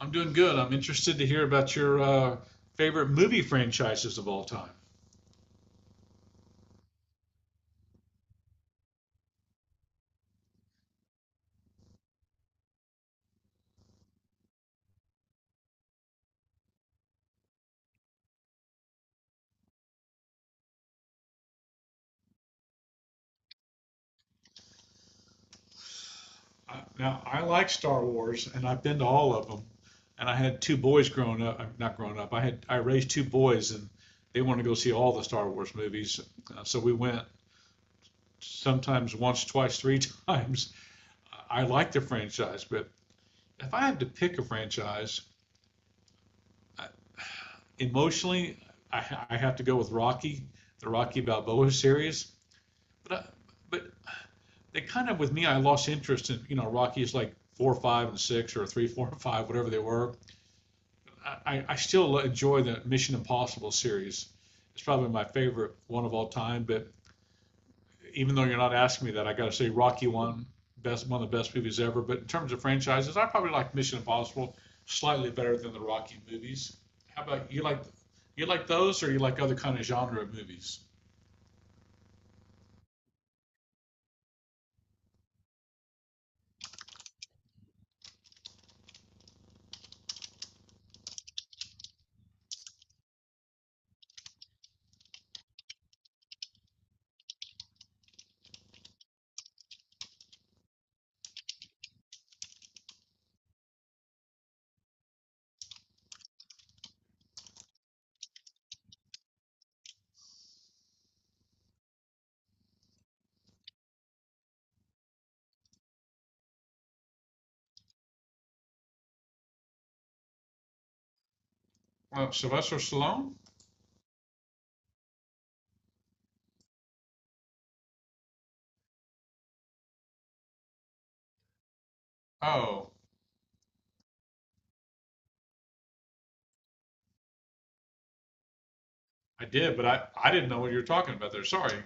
I'm doing good. I'm interested to hear about your favorite movie franchises of all time. Now, I like Star Wars, and I've been to all of them. And I had two boys growing up. Not growing up. I raised two boys, and they wanted to go see all the Star Wars movies. So we went sometimes once, twice, three times. I like the franchise, but if I had to pick a franchise, I, emotionally, I have to go with Rocky, the Rocky Balboa series. But I, but it kind of with me, I lost interest in Rockies like four, five, and six, or three, four, and five, whatever they were. I still enjoy the Mission Impossible series. It's probably my favorite one of all time. But even though you're not asking me that, I got to say Rocky one best one of the best movies ever. But in terms of franchises, I probably like Mission Impossible slightly better than the Rocky movies. How about you, like you like those or you like other kind of genre of movies? Sylvester Stallone? Oh, I did, but I didn't know what you were talking about there. Sorry.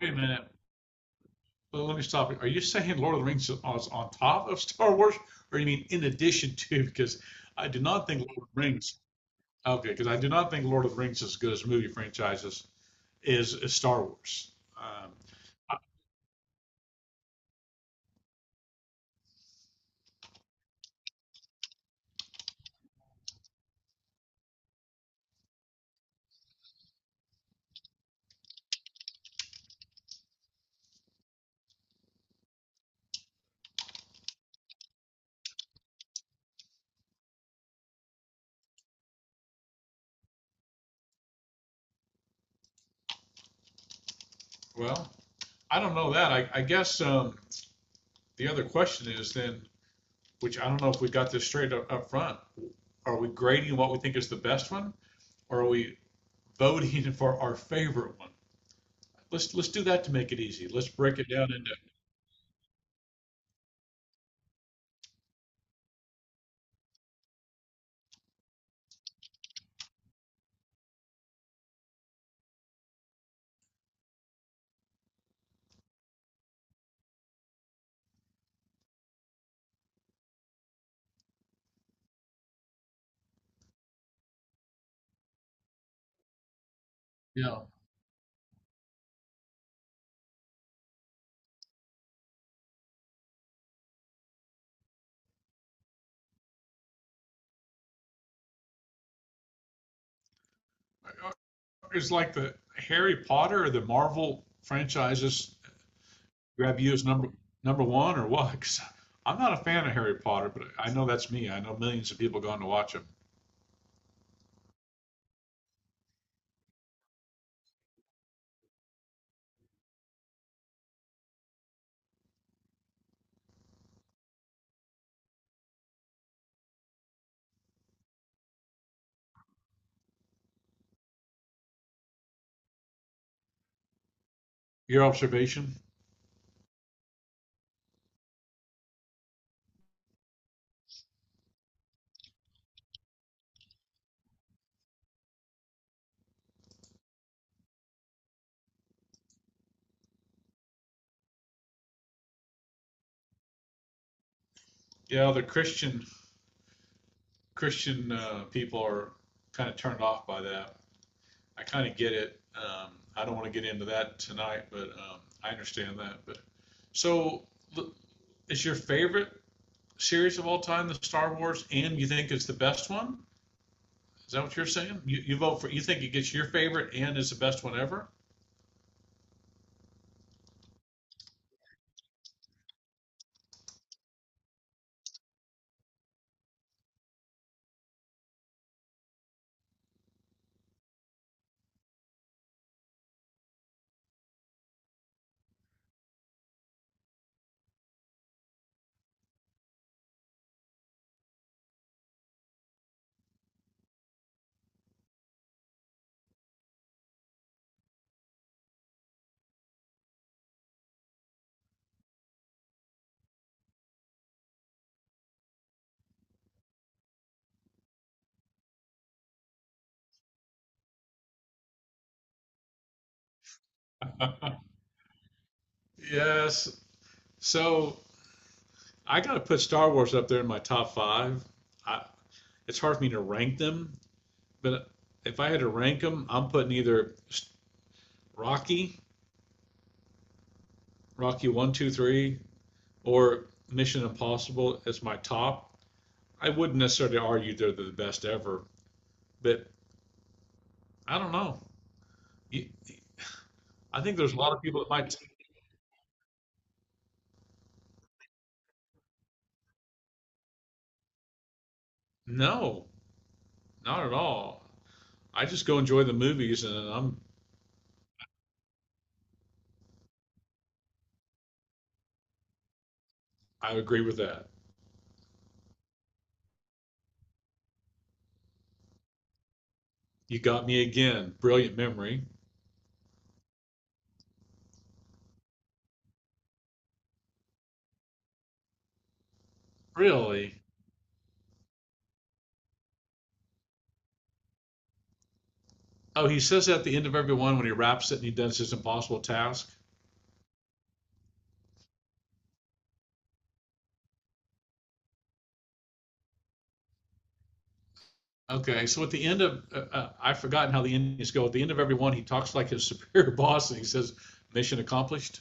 Wait a minute, but let me stop you. Are you saying Lord of the Rings is on top of Star Wars, or you mean in addition to? Because I do not think Lord of the Rings. Okay, because I do not think Lord of the Rings is as good as movie franchises is Star Wars. Um, I- well, I don't know that. I guess the other question is then, which I don't know if we got this straight up front. Are we grading what we think is the best one, or are we voting for our favorite one? Let's do that to make it easy. Let's break it down into. Yeah. It's like the Harry Potter or the Marvel franchises grab you as number one or what? 'Cause I'm not a fan of Harry Potter, but I know that's me. I know millions of people going to watch them. Your observation? Yeah, the Christian people are kind of turned off by that. I kind of get it. I don't want to get into that tonight, but I understand that. But so, is your favorite series of all time the Star Wars, and you think it's the best one? Is that what you're saying? You vote for, you think it gets your favorite and is the best one ever? Yes. So I got to put Star Wars up there in my top five. I, it's hard for me to rank them, but if I had to rank them, I'm putting either Rocky, Rocky one, two, three, or Mission Impossible as my top. I wouldn't necessarily argue they're the best ever, but I don't know. You- I think there's a lot of people that might. No, not at all. I just go enjoy the movies, and I'm I agree with that. You got me again. Brilliant memory. Really? Oh, he says that at the end of every one when he wraps it and he does his impossible task. Okay, so at the end of, I've forgotten how the endings go. At the end of every one, he talks like his superior boss and he says, "Mission accomplished."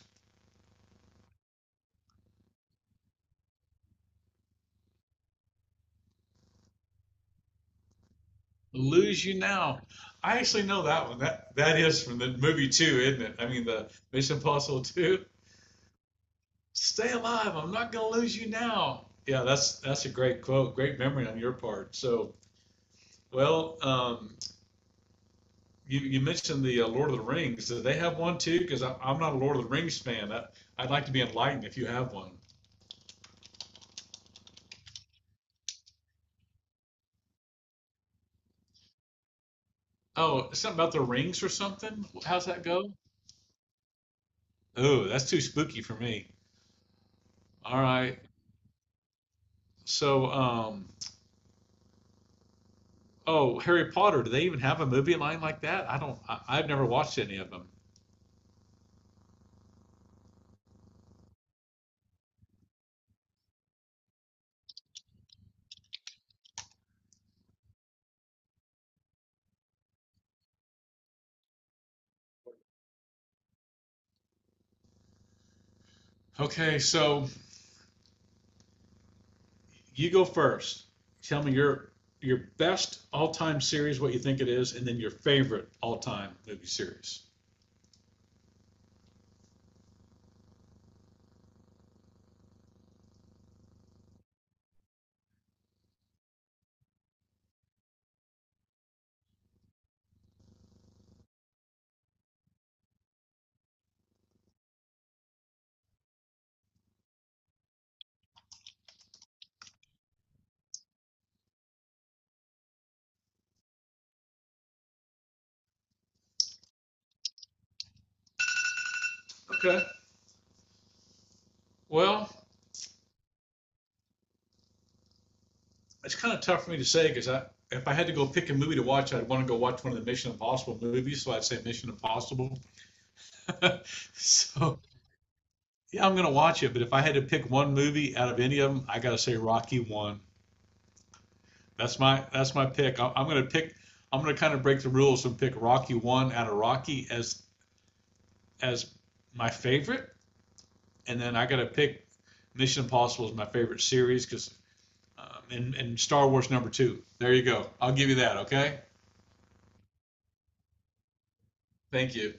Lose you now. I actually know that one. That is from the movie two, isn't it? I mean, the Mission Impossible two. Stay alive. I'm not gonna lose you now. Yeah, that's a great quote. Great memory on your part. So, well, you, you mentioned the Lord of the Rings. Do they have one too? Because I'm not a Lord of the Rings fan. I, I'd like to be enlightened if you have one. Oh, something about the rings or something? How's that go? Oh, that's too spooky for me. All right. So, oh, Harry Potter. Do they even have a movie line like that? I don't. I've never watched any of them. Okay, so you go first. Tell me your best all-time series, what you think it is, and then your favorite all-time movie series. Okay. Well, it's kind of tough for me to say because I, if I had to go pick a movie to watch, I'd want to go watch one of the Mission Impossible movies. So I'd say Mission Impossible. So yeah, I'm gonna watch it. But if I had to pick one movie out of any of them, I gotta say Rocky One. That's my pick. I'm gonna pick. I'm gonna kind of break the rules and pick Rocky One out of Rocky as as my favorite, and then I gotta pick Mission Impossible as my favorite series because and Star Wars number two. There you go. I'll give you that. Okay. Thank you.